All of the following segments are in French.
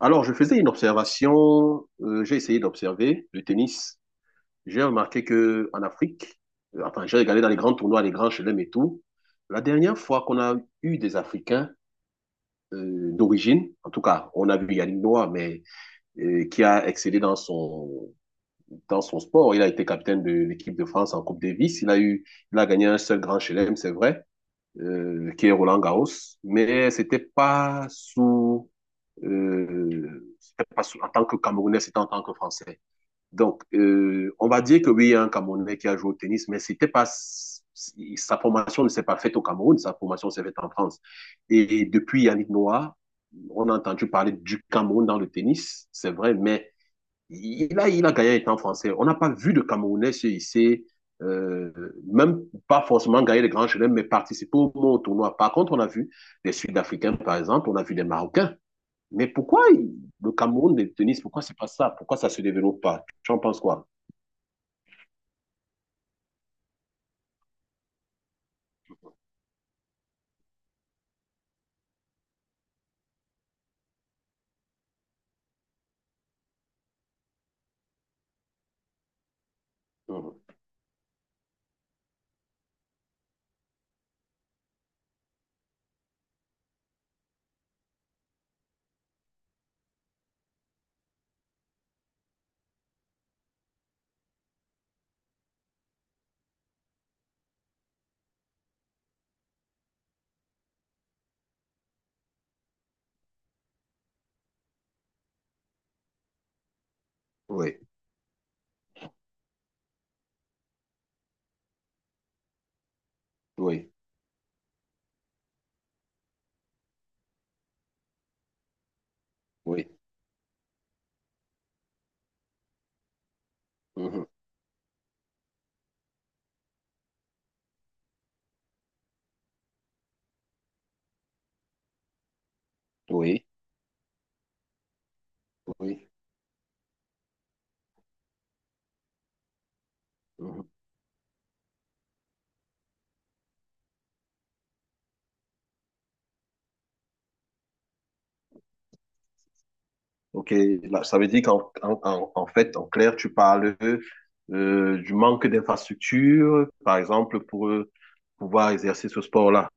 Alors, je faisais une observation, j'ai essayé d'observer le tennis. J'ai remarqué que en Afrique, j'ai regardé dans les grands tournois, les grands chelems et tout. La dernière fois qu'on a eu des Africains d'origine, en tout cas, on a vu Yannick Noah, mais qui a excellé dans son sport. Il a été capitaine de l'équipe de France en Coupe Davis. Il a gagné un seul grand chelem, c'est vrai, qui est Roland Garros, mais c'était pas sous- en tant que Camerounais, c'était en tant que Français. Donc, on va dire que oui, il y a un Camerounais qui a joué au tennis, mais c'était pas, sa formation ne s'est pas faite au Cameroun, sa formation s'est faite en France. Et depuis Yannick Noah, on a entendu parler du Cameroun dans le tennis, c'est vrai, mais il a gagné étant français. On n'a pas vu de Camerounais se hisser, euh, même pas forcément gagner les grands chelems, mais participer au tournoi. Par contre, on a vu des Sud-Africains, par exemple, on a vu des Marocains. Mais pourquoi le Cameroun de tennis, pourquoi c'est pas ça? Pourquoi ça se développe pas? Tu en penses quoi? Mhm. Oui, oui, oui. Mhm. Oui, oui. Mhm. Ok, là, ça veut dire qu'en en, en- en fait, en clair, tu parles du manque d'infrastructures, par exemple, pour pouvoir exercer ce sport-là.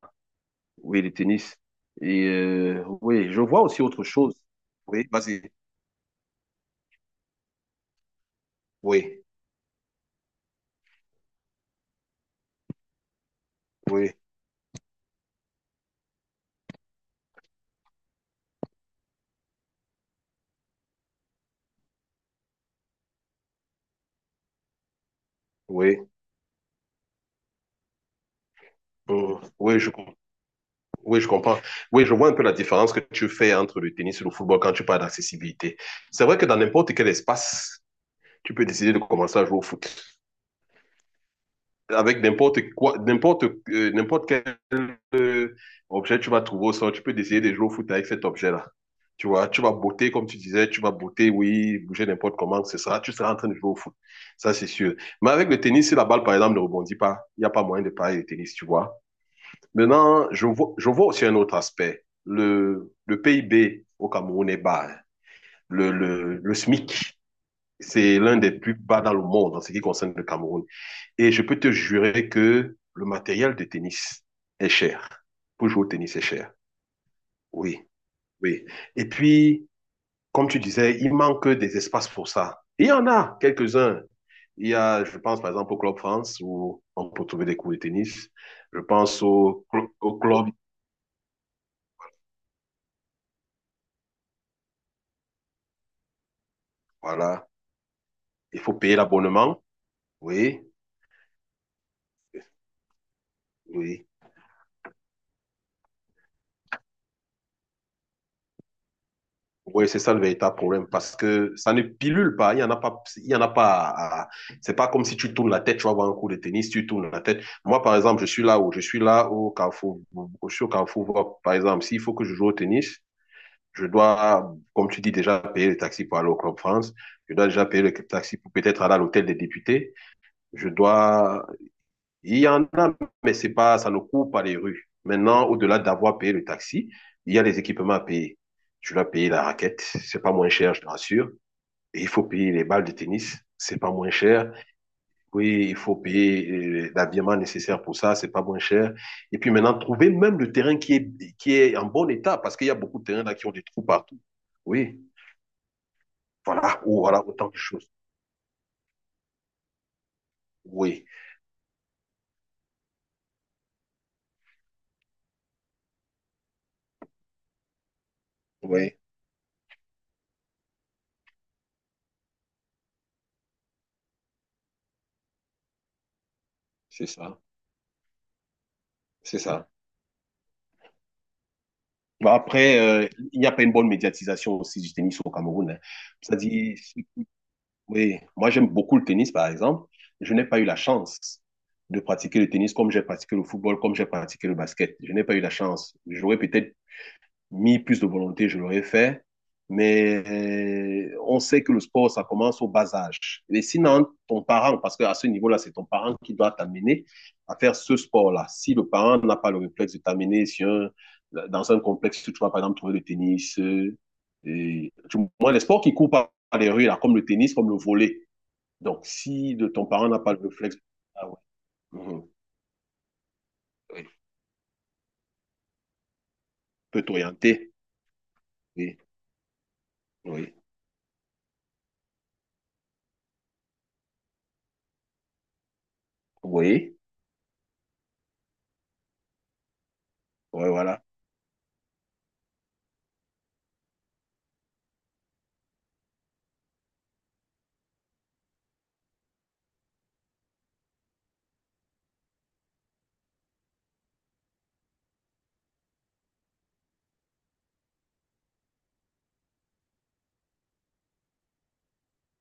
Oui, le tennis. Et oui, je vois aussi autre chose. Oui, vas-y. Oui, oui, oui. euh, oui, je, com- oui, je comprends. Oui, je vois un peu la différence que tu fais entre le tennis et le football quand tu parles d'accessibilité. C'est vrai que dans n'importe quel espace, tu peux décider de commencer à jouer au foot. Avec n'importe quoi, n'importe quel objet, tu vas trouver au sol, tu peux essayer de jouer au foot avec cet objet-là. Tu vois, tu vas botter, comme tu disais, tu vas botter, oui, bouger n'importe comment, tu seras en train de jouer au foot. Ça, c'est sûr. Mais avec le tennis, si la balle, par exemple, ne rebondit pas, il n'y a pas moyen de parler de tennis, tu vois. Maintenant, je vois aussi un autre aspect. Le PIB au Cameroun est bas, hein. Le SMIC, c'est l'un des plus bas dans le monde en ce qui concerne le Cameroun. Et je peux te jurer que le matériel de tennis est cher. Pour jouer au tennis, c'est cher. Oui. Oui. Et puis, comme tu disais, il manque des espaces pour ça. Il y en a quelques-uns. Il y a, je pense par exemple au Club France où on peut trouver des cours de tennis. Je pense au club. Voilà. Il faut payer l'abonnement. Oui. Oui. Oui, c'est ça le véritable problème parce que ça ne pilule pas. Il y en a pas. Il y en a pas. À- C'est pas comme si tu tournes la tête, tu vas voir un cours de tennis, tu tournes la tête. Moi, par exemple, je suis là au Carrefour. Je suis au Carrefour. Par exemple, s'il faut que je joue au tennis, je dois, comme tu dis déjà, payer le taxi pour aller au Club France. Je dois déjà payer le taxi pour peut-être aller à l'hôtel des députés. Je dois, il y en a, mais c'est pas, ça ne court pas les rues. Maintenant, au-delà d'avoir payé le taxi, il y a les équipements à payer. Tu dois payer la raquette, c'est pas moins cher, je te rassure. Et il faut payer les balles de tennis, c'est pas moins cher. Oui, il faut payer l'habillement nécessaire pour ça, c'est pas moins cher. Et puis maintenant, trouver même le terrain qui est en bon état, parce qu'il y a beaucoup de terrains là qui ont des trous partout. Oui. Voilà, autant de choses. Oui, oui, c'est ça, c'est ça. Bon, après, il n'y a pas une bonne médiatisation aussi du tennis au Cameroun, hein. C'est-à-dire, oui, moi j'aime beaucoup le tennis, par exemple. Je n'ai pas eu la chance de pratiquer le tennis comme j'ai pratiqué le football, comme j'ai pratiqué le basket. Je n'ai pas eu la chance. J'aurais peut-être mis plus de volonté, je l'aurais fait. Mais on sait que le sport, ça commence au bas âge. Et sinon, ton parent, parce qu'à ce niveau-là, c'est ton parent qui doit t'amener à faire ce sport-là. Si le parent n'a pas le réflexe de t'amener dans un complexe tu vas, par exemple, trouver le tennis, moi, les sports qui courent par les rues, là, comme le tennis, comme le volley. Donc, si de ton parent n'a pas le réflexe, ah ouais, mhm, oui, peut t'orienter. Oui, oui, oui, ouais, voilà.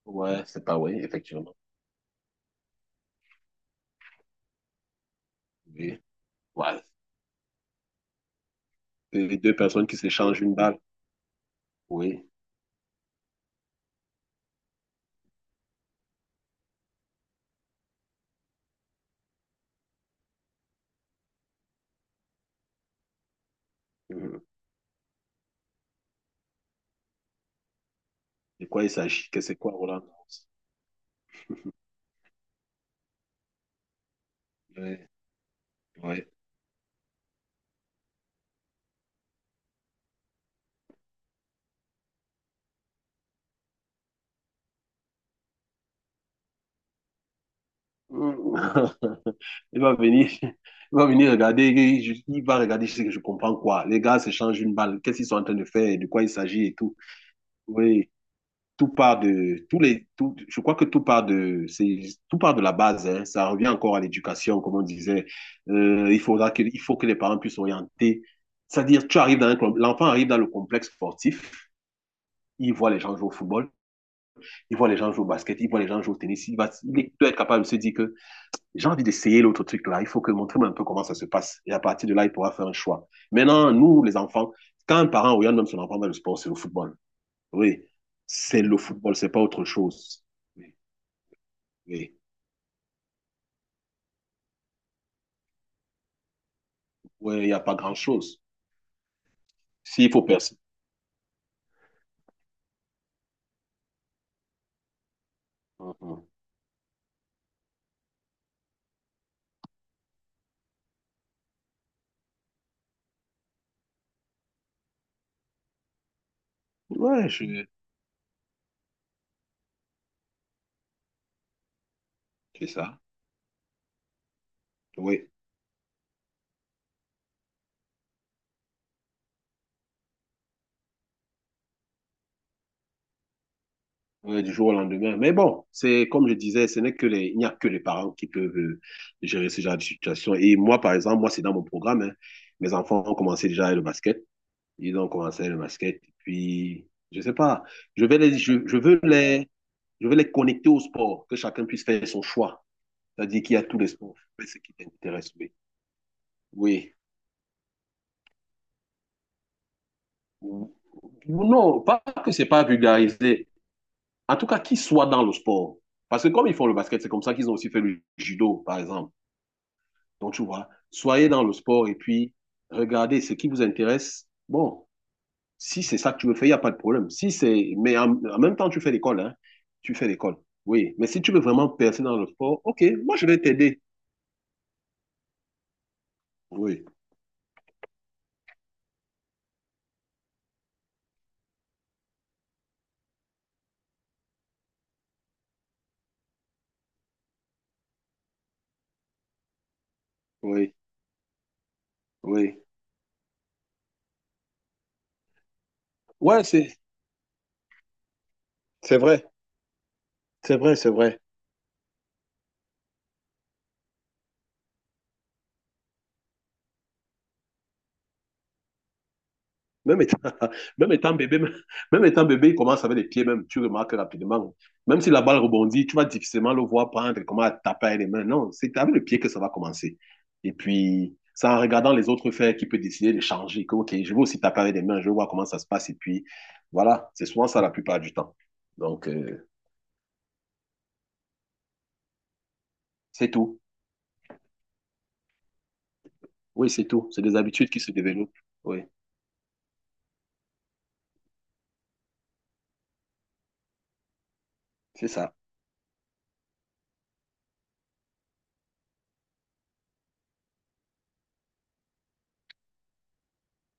Ouais, c'est pas oui, effectivement. Oui. Ouais. Deux deux personnes qui s'échangent une balle. Oui. Mhm. De quoi il s'agit? Que c'est quoi, Roland? Oui. Oui. Mhm. Il va venir, il va regarder, je sais que je comprends quoi. Les gars s'échangent une balle, qu'est-ce qu'ils sont en train de faire, de quoi il s'agit et tout. Oui. tout part de tous les tout, je crois que tout part de c'est Tout part de la base, hein. Ça revient encore à l'éducation comme on disait. Il faut que les parents puissent orienter, c'est-à-dire tu arrives dans un club, l'enfant arrive dans le complexe sportif, il voit les gens jouer au football, il voit les gens jouer au basket, il voit les gens jouer au tennis. Il doit être capable de se dire que j'ai envie d'essayer l'autre truc là, il faut que montre-moi un peu comment ça se passe et à partir de là il pourra faire un choix. Maintenant, nous les enfants, quand un parent oriente même son enfant dans le sport, c'est le football. Oui, c'est le football, c'est pas autre chose. Oui, ouais, il n'y a pas grand-chose. S'il faut percer. Mhm. Ouais, je... c'est ça. Oui. Ouais, du jour au lendemain. Mais bon, c'est comme je disais, ce n'est que les... il n'y a que les parents qui peuvent gérer ce genre de situation. Et moi, par exemple, moi, c'est dans mon programme, hein. Mes enfants ont commencé déjà le basket. Ils ont commencé le basket. Et puis, je sais pas, je vais les... je veux les connecter au sport, que chacun puisse faire son choix. C'est-à-dire qu'il y a tous les sports. Fais ce qui t'intéresse, oui. Oui. Non, pas que c'est pas vulgarisé. En tout cas, qu'ils soient dans le sport. Parce que comme ils font le basket, c'est comme ça qu'ils ont aussi fait le judo, par exemple. Donc, tu vois, soyez dans le sport et puis regardez ce qui vous intéresse. Bon, si c'est ça que tu veux faire, il n'y a pas de problème. Si c'est, mais en, en même temps, tu fais l'école, hein. Tu fais l'école. Oui. Mais si tu veux vraiment percer dans le sport, ok, moi, je vais t'aider. Oui, oui, oui. Ouais, c'est, c'est vrai. C'est vrai, c'est vrai. Même étant, même étant bébé, même, même étant bébé, il commence avec les pieds même. Tu remarques rapidement. Même si la balle rebondit, tu vas difficilement le voir prendre, comment taper avec les mains. Non, c'est avec le pied que ça va commencer. Et puis, c'est en regardant les autres faire qu'il peut décider de changer. Que, ok, je vais aussi taper avec les mains, je vais voir comment ça se passe. Et puis, voilà, c'est souvent ça la plupart du temps. Donc, c'est tout. Oui, c'est tout. C'est des habitudes qui se développent. Oui, c'est ça.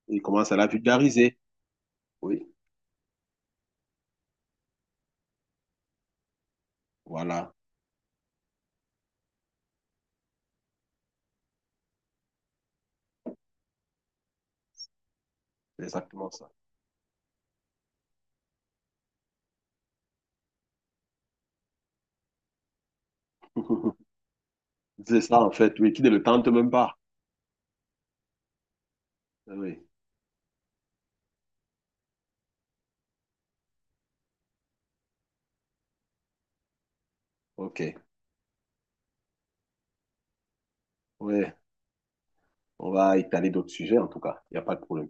Il commence à la vulgariser. Oui, voilà, c'est exactement ça. C'est ça, en fait. Oui, qui ne le tente même pas. Ah oui, ok. Ouais, on va étaler d'autres sujets en tout cas. Il n'y a pas de problème.